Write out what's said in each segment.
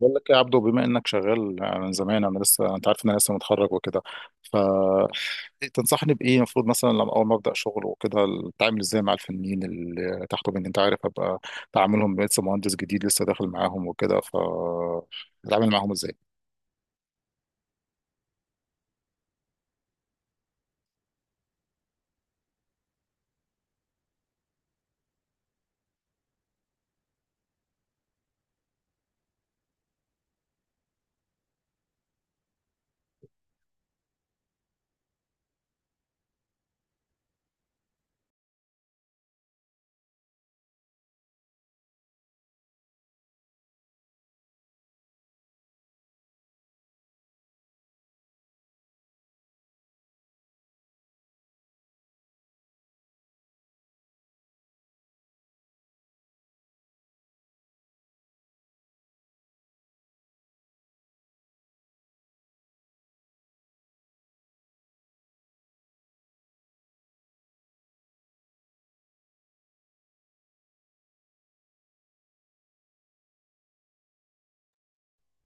بقول لك يا عبدو، بما انك شغال من زمان، انا لسه، انت عارف ان انا لسه متخرج وكده. فتنصحني بايه المفروض مثلا لما اول ما ابدا شغل وكده؟ اتعامل ازاي مع الفنيين اللي تحته مني، انت عارف، ابقى تعاملهم لسه مهندس جديد لسه داخل معاهم وكده، ف اتعامل معاهم ازاي؟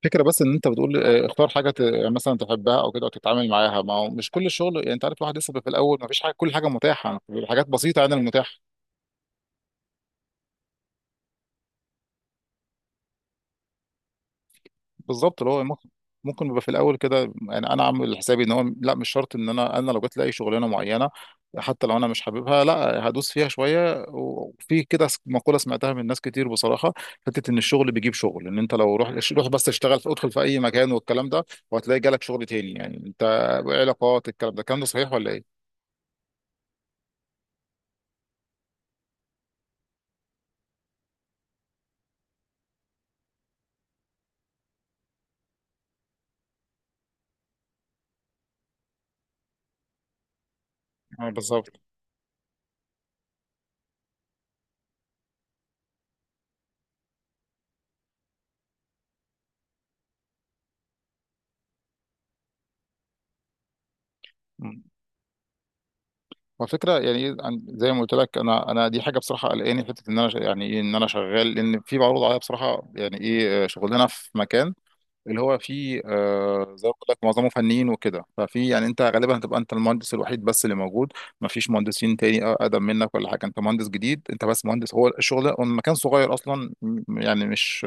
فكرة، بس ان انت بتقول اختار حاجه مثلا تحبها او كده وتتعامل معاها. ما هو مش كل الشغل، يعني انت عارف الواحد لسه بيبقى في الاول ما فيش حاجه، كل حاجه متاحه بيبقى حاجات بسيطه عن المتاح. بالظبط اللي هو ممكن بيبقى في الاول كده. يعني انا عامل حسابي ان هو لا، مش شرط ان انا لو جت لي شغلانه معينه حتى لو انا مش حاببها لا هدوس فيها شويه. وفي كده مقوله سمعتها من ناس كتير بصراحه، حته ان الشغل بيجيب شغل. ان انت لو روح روح بس اشتغل، ادخل في اي مكان والكلام ده وهتلاقي جالك شغل تاني. يعني انت علاقات، الكلام ده الكلام ده صحيح ولا ايه؟ آه، بالظبط. هو فكرة يعني إيه، زي ما قلت لك انا دي حاجه بصراحه قلقاني، حته ان انا يعني ايه ان انا شغال لان في معروض عليا بصراحه. يعني ايه، شغلنا في مكان، اللي هو فيه، زي ما قلت لك معظمه فنيين وكده. ففي، يعني انت غالبا هتبقى انت المهندس الوحيد بس اللي موجود، ما فيش مهندسين تاني اقدم منك ولا حاجه. انت مهندس جديد، انت بس مهندس، هو الشغل هو المكان صغير اصلا، يعني مش،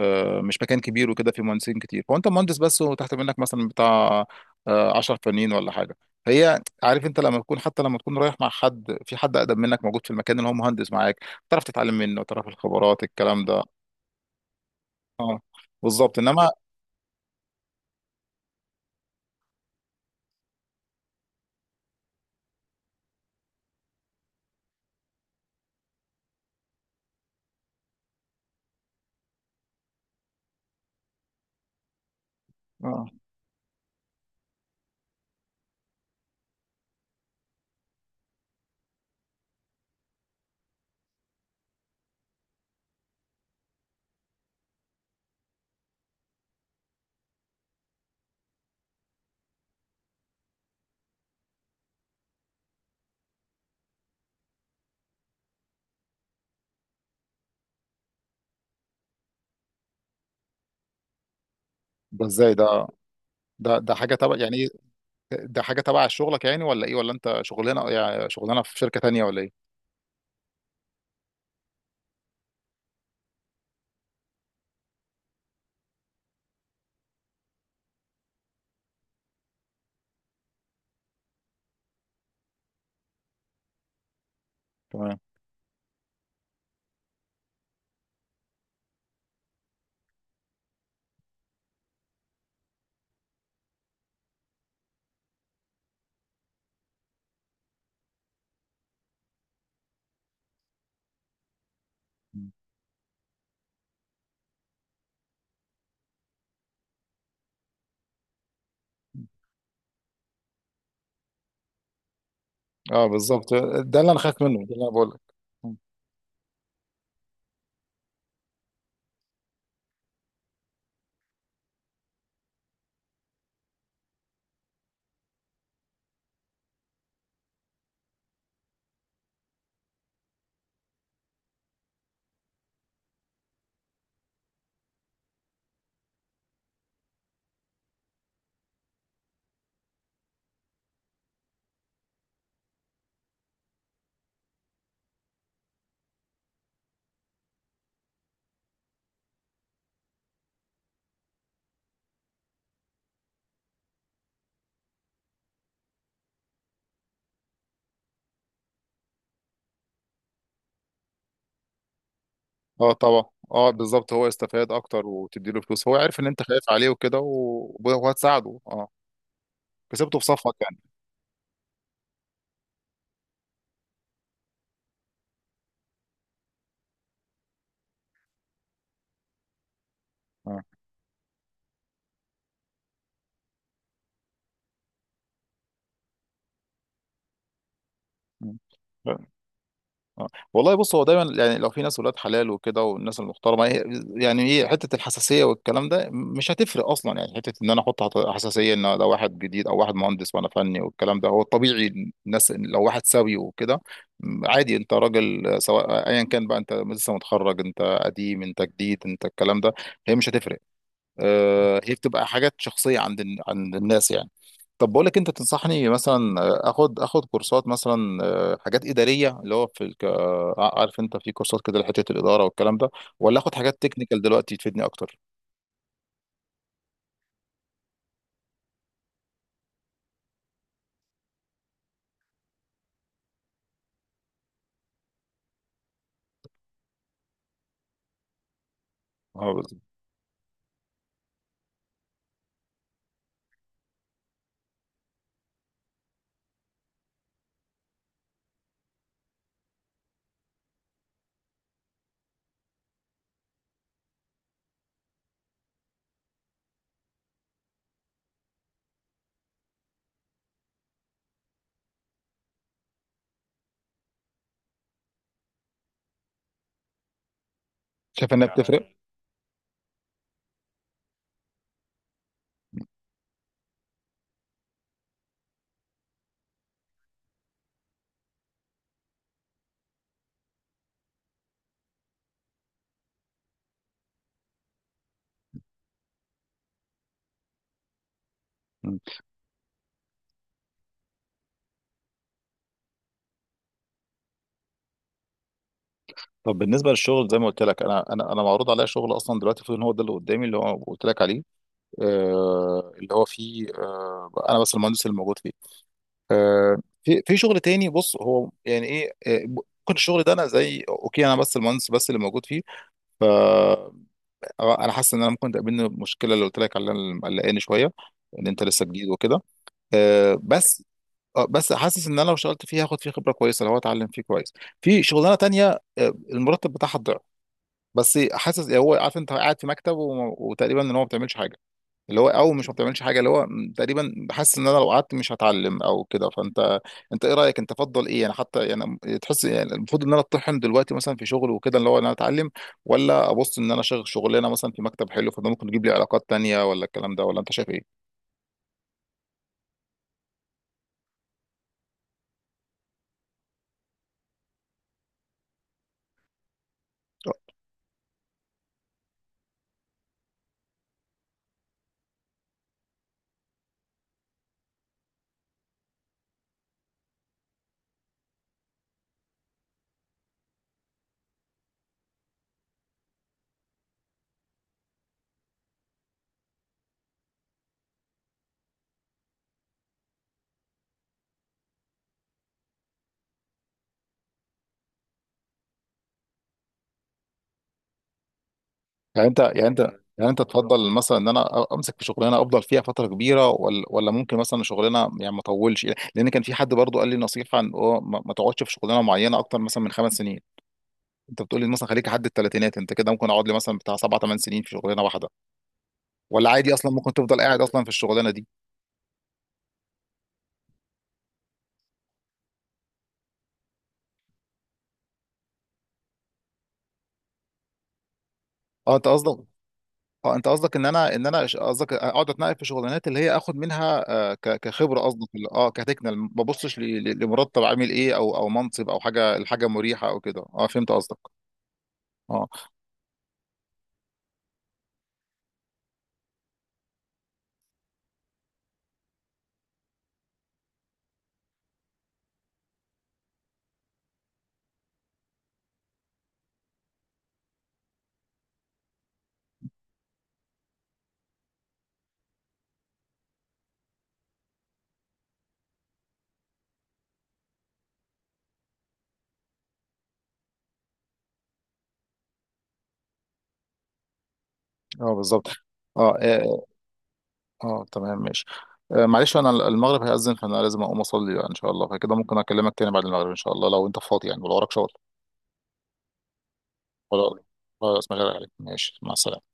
مش مكان كبير وكده فيه مهندسين كتير. فانت مهندس بس وتحت منك مثلا بتاع 10 فنيين ولا حاجه. هي عارف، انت لما تكون، رايح مع حد، في حد اقدم منك موجود في المكان اللي هو مهندس معاك، تعرف تتعلم منه، تعرف الخبرات الكلام ده. اه، بالظبط. انما اه، ده ازاي ده؟ ده حاجه تبع، يعني ايه، ده حاجه تبع شغلك يعني؟ ولا ايه؟ ولا انت شغلانه، يعني شغلانه في شركه تانيه ولا ايه؟ تمام. اه بالظبط، ده اللي انا خايف منه، ده اللي انا بقول لك. اه طبعا. اه بالظبط، هو استفاد اكتر وتدي له فلوس، هو عارف ان انت خايف عليه وكده وهتساعده. اه، كسبته في صفك يعني. اه. مم. آه. اه. والله بص، هو دايما يعني لو في ناس ولاد حلال وكده والناس المحترمه، يعني ايه، حته الحساسيه والكلام ده مش هتفرق اصلا. يعني حته ان انا احط، حساسيه ان ده واحد جديد او واحد مهندس وانا فني والكلام ده. هو الطبيعي الناس لو واحد سوي وكده، عادي انت راجل. سواء ايا كان بقى، انت لسه متخرج، انت قديم، انت جديد، انت الكلام ده، هي مش هتفرق. هي بتبقى حاجات شخصية عند عند الناس يعني. طب بقول لك، انت تنصحني مثلا اخد كورسات مثلا، حاجات اداريه اللي هو في عارف انت في كورسات كده لحته الاداره والكلام ده؟ ولا اخد حاجات تكنيكال دلوقتي تفيدني اكتر؟ آه، شايف انها بتفرق؟ لا. مم. طب بالنسبه للشغل، زي ما قلت لك انا معروض عليا شغل اصلا دلوقتي، المفروض ان هو ده اللي قدامي اللي هو قلت لك عليه، اللي هو فيه، انا بس المهندس اللي موجود فيه. آه، في في شغل تاني. بص هو يعني ايه، ممكن الشغل ده، انا زي اوكي انا بس المهندس بس اللي موجود فيه، ف انا حاسس ان انا ممكن تقابلني المشكله اللي قلت لك عليها اللي مقلقاني شويه، ان انت لسه جديد وكده. آه، بس بس حاسس ان انا لو اشتغلت فيه هاخد فيه خبره كويسه لو اتعلم فيه كويس. في شغلانه تانية، آه، المرتب بتاعها الضعف، بس حاسس هو، عارف انت قاعد في مكتب وتقريبا ان هو ما بتعملش حاجه. اللي هو، او مش ما بتعملش حاجه، اللي هو تقريبا بحس ان انا لو قعدت مش هتعلم او كده. فانت، انت ايه رايك، انت تفضل ايه يعني؟ حتى يعني تحس، يعني المفروض ان انا اتطحن دلوقتي مثلا في شغل وكده اللي هو ان انا اتعلم؟ ولا ابص ان انا شغل شغلانه مثلا في مكتب حلو، فده ممكن يجيب لي علاقات تانية ولا الكلام ده؟ ولا انت شايف ايه؟ يعني انت يعني انت يعني انت تفضل مثلا ان انا امسك في شغلانه افضل فيها فتره كبيره، ولا ممكن مثلا شغلانه يعني ما اطولش؟ لان كان في حد برضو قال لي نصيحه ان هو ما تقعدش في شغلانه معينه اكتر مثلا من 5 سنين. انت بتقول لي مثلا خليك لحد الثلاثينات، انت كده ممكن اقعد لي مثلا بتاع 7 8 سنين في شغلانه واحده؟ ولا عادي اصلا ممكن تفضل قاعد اصلا في الشغلانه دي؟ اه انت قصدك اه انت قصدك. ان انا قصدك اقعد اتنقل في شغلانات اللي هي اخد منها، كخبره قصدك، كتكنال ما ببصش لمرتب عامل ايه، او منصب او حاجه، الحاجه مريحه او كده. اه فهمت قصدك. اه. اه بالظبط. اه اه, آه تمام ماشي. آه معلش، انا المغرب هيأذن، فانا لازم اقوم اصلي بقى ان شاء الله. فكده ممكن اكلمك تاني بعد المغرب ان شاء الله، لو انت فاضي يعني ولو وراك شغل. خلاص. خلاص ما عليك، ماشي، مع السلامة.